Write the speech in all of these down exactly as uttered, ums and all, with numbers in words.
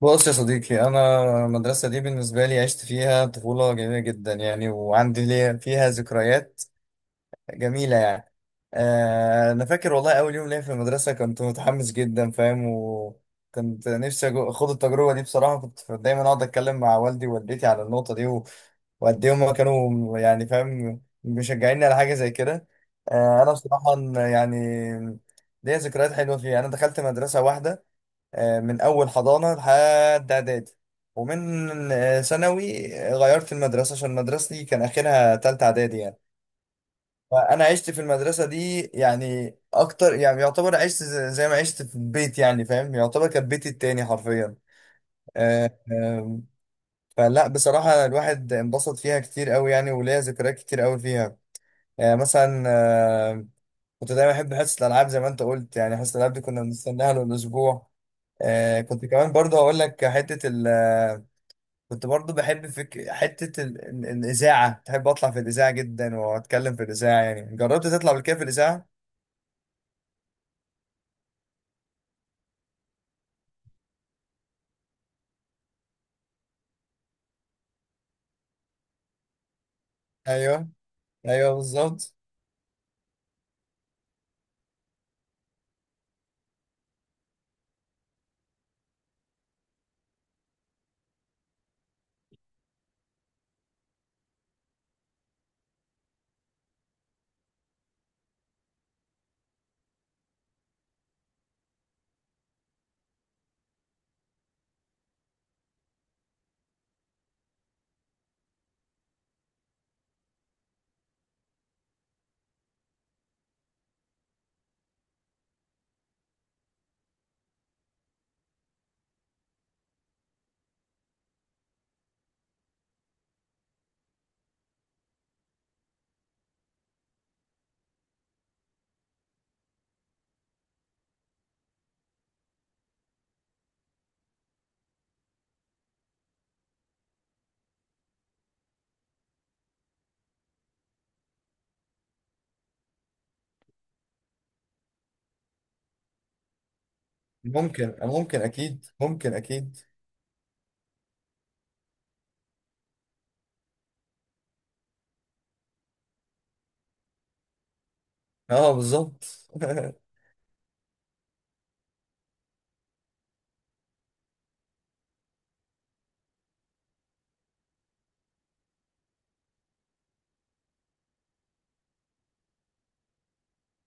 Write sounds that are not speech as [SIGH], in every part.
بص يا صديقي، أنا المدرسة دي بالنسبة لي عشت فيها طفولة جميلة جدا يعني، وعندي ليا فيها ذكريات جميلة يعني. آه، أنا فاكر والله أول يوم ليا في المدرسة كنت متحمس جدا، فاهم؟ وكنت نفسي أجو- أخوض التجربة دي بصراحة. كنت دايما أقعد أتكلم مع والدي ووالدتي على النقطة دي، و- وقد إيه هما كانوا يعني فاهم مشجعيني على حاجة زي كده. آه، أنا بصراحة يعني ليا ذكريات حلوة فيها. أنا دخلت مدرسة واحدة آه، من أول حضانة لحد إعدادي، ومن آه، ثانوي آه، غيرت المدرسة عشان مدرستي كان آخرها تالتة إعدادي يعني. فأنا عشت في المدرسة دي يعني أكتر، يعني يعتبر عشت ز- زي ما عشت في البيت يعني، فاهم؟ يعتبر كانت بيتي التاني حرفيا. آه، آم، فلا بصراحة الواحد انبسط فيها كتير أوي يعني، وليا ذكريات كتير أوي فيها. يعني مثلا، آه، كنت دايما احب حصه الالعاب زي ما انت قلت، يعني حصه الالعاب دي كنا بنستناها له الاسبوع. آه، كنت كمان برضه هقول لك حته ال آه، كنت برضه بحب فك... حته ال... ال- الاذاعه، بحب اطلع في الاذاعه جدا واتكلم في الاذاعه. يعني جربت تطلع قبل كده في الاذاعه؟ ايوه، ايوه بالظبط. ممكن، ممكن اكيد، ممكن اكيد. اه بالظبط.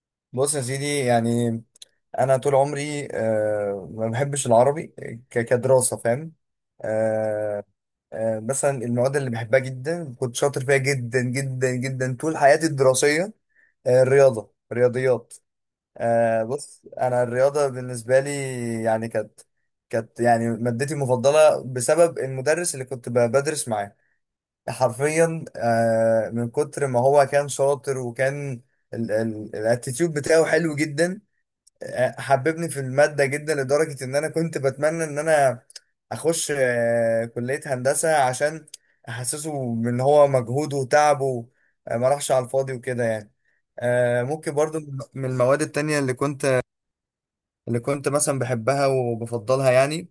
[LAUGHS] بص يا سيدي، يعني انا طول عمري آه، ما بحبش العربي آه، ك- كدراسه، فاهم؟ آه، آه، مثلا المواد اللي بحبها جدا كنت شاطر فيها جدا جدا جدا طول حياتي الدراسية. آه، الرياضة، رياضيات. آه، بص أنا الرياضة بالنسبة لي يعني كانت، كانت يعني مادتي المفضلة بسبب المدرس اللي كنت ب- بدرس معاه حرفيا. آه، من كتر ما هو كان شاطر، وكان الاتيتيود بتاعه حلو جدا، حببني في المادة جدا لدرجة إن أنا كنت بتمنى إن أنا أخش آه، كلية هندسة عشان أحسسه إن هو مجهوده وتعبه آه، ما راحش على الفاضي وكده يعني. آه، ممكن برضو من المواد التانية اللي كنت اللي كنت مثلا بحبها وبفضلها، يعني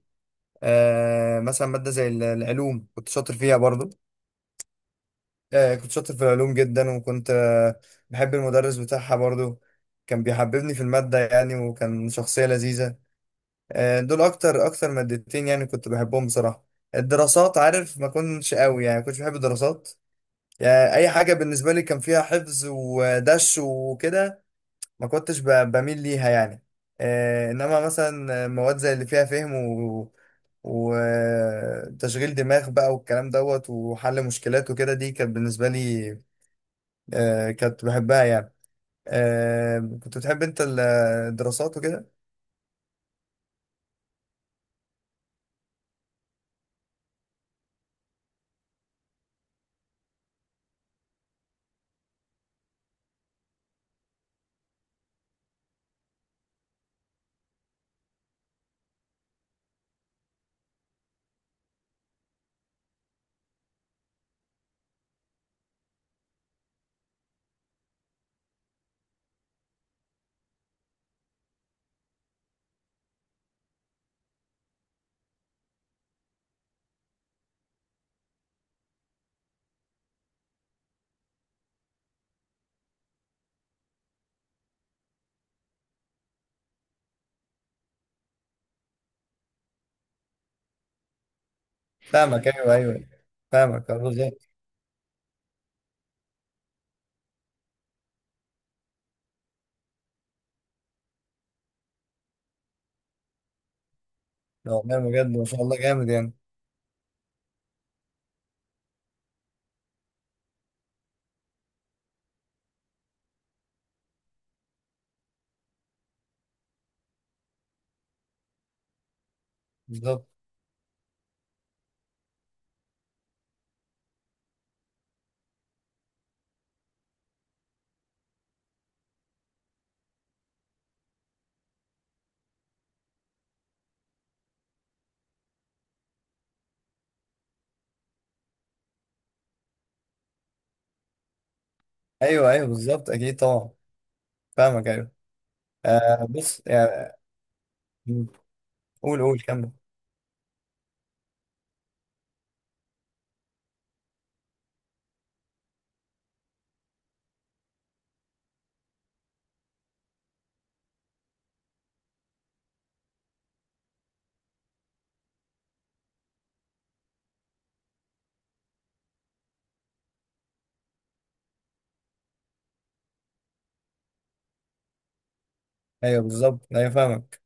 آه، مثلا مادة زي ال- العلوم كنت شاطر فيها برضو. آه، كنت شاطر في العلوم جدا، وكنت آه، بحب المدرس بتاعها برضو، كان بيحببني في المادة يعني، وكان شخصية لذيذة. آه، دول اكتر اكتر مادتين يعني كنت بحبهم بصراحه. الدراسات عارف ما كنتش قوي، يعني ما كنتش بحب الدراسات. يعني اي حاجه بالنسبه لي كان فيها حفظ ودش وكده ما كنتش ب- بميل ليها يعني. آه، انما مثلا مواد زي اللي فيها فهم و... وتشغيل دماغ بقى والكلام دوت وحل مشكلات وكده، دي كانت بالنسبه لي آه، كنت بحبها يعني. آه، كنت بتحب انت ال- الدراسات وكده؟ فاهمك، ايوه ايوه. فاهمك آه، بالظبط. ده والله بجد ما شاء الله جامد يعني. بالظبط، ايوه ايوه بالظبط، اكيد طبعا. فاهمك ايوه. آه بص يعني. قول قول كمل. ايوه بالظبط، ايوه فاهمك.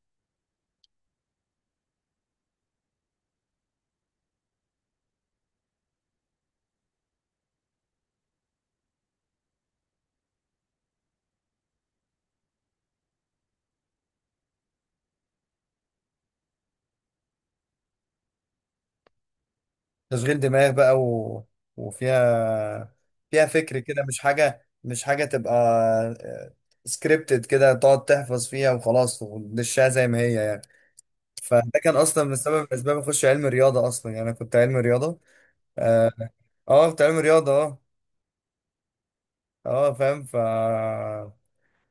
تشغيل دماغ بقى و... وفيها، فيها فكر كده، مش حاجه، مش حاجه تبقى سكريبتد كده تقعد تحفظ فيها وخلاص وتدشها زي ما هي يعني. فده كان اصلا من سبب، من اسباب اخش علم رياضه اصلا. يعني انا كنت علم رياضه، اه. آه، كنت علم رياضه، اه. اه فاهم. ف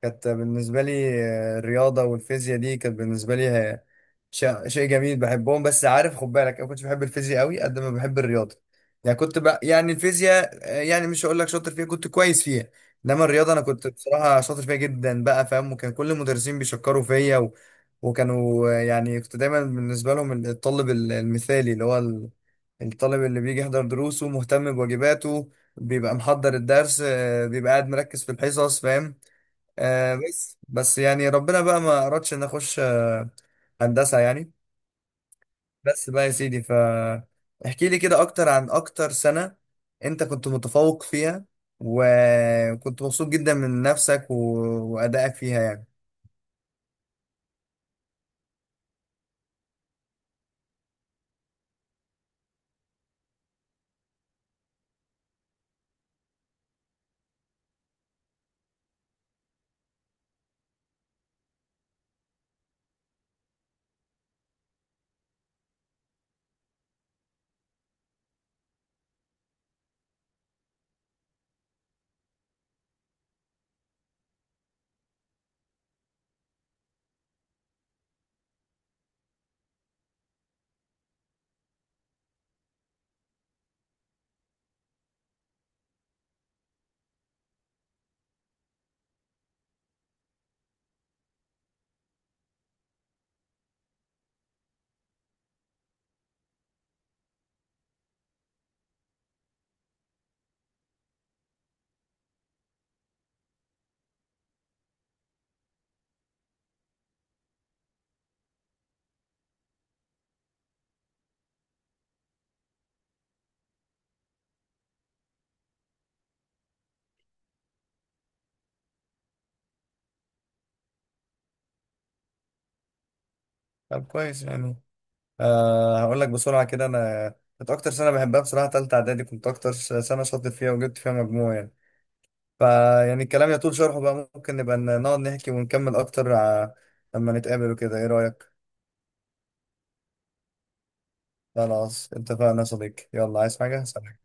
كانت بالنسبة لي آه، الرياضة والفيزياء دي كانت بالنسبة لي آه، شيء شيء جميل بحبهم. بس عارف خد بالك أنا كنتش بحب الفيزياء قوي قد ما بحب الرياضة. يعني كنت بقى يعني الفيزياء آه، يعني مش هقول لك شاطر فيها، كنت كويس فيها. إنما الرياضة أنا كنت بصراحة شاطر فيها جدا بقى، فاهم؟ وكان كل المدرسين بيشكروا فيا و... وكانوا آه، يعني كنت دايما بالنسبة لهم الطالب المثالي، اللي هو ال- الطالب اللي بيجي يحضر دروسه، مهتم بواجباته، بيبقى محضر الدرس، آه، بيبقى قاعد مركز في الحصص، فاهم؟ آه بس بس يعني ربنا بقى ما أردش إن أخش آه هندسة يعني. بس بقى يا سيدي، فاحكي لي كده أكتر عن أكتر سنة أنت كنت متفوق فيها وكنت مبسوط جدا من نفسك و... وأدائك فيها يعني. طب كويس يعني. آه هقول لك بسرعة كده. أنا كنت أكتر سنة بحبها بصراحة تالتة إعدادي، كنت أكتر س- سنة شاطر فيها وجبت فيها مجموع يعني. فيعني الكلام يطول شرحه بقى، ممكن نبقى ن- نقعد نحكي ونكمل أكتر ع- لما نتقابل وكده، إيه رأيك؟ خلاص اتفقنا يا صديقي، يلا عايز حاجة؟ سلام.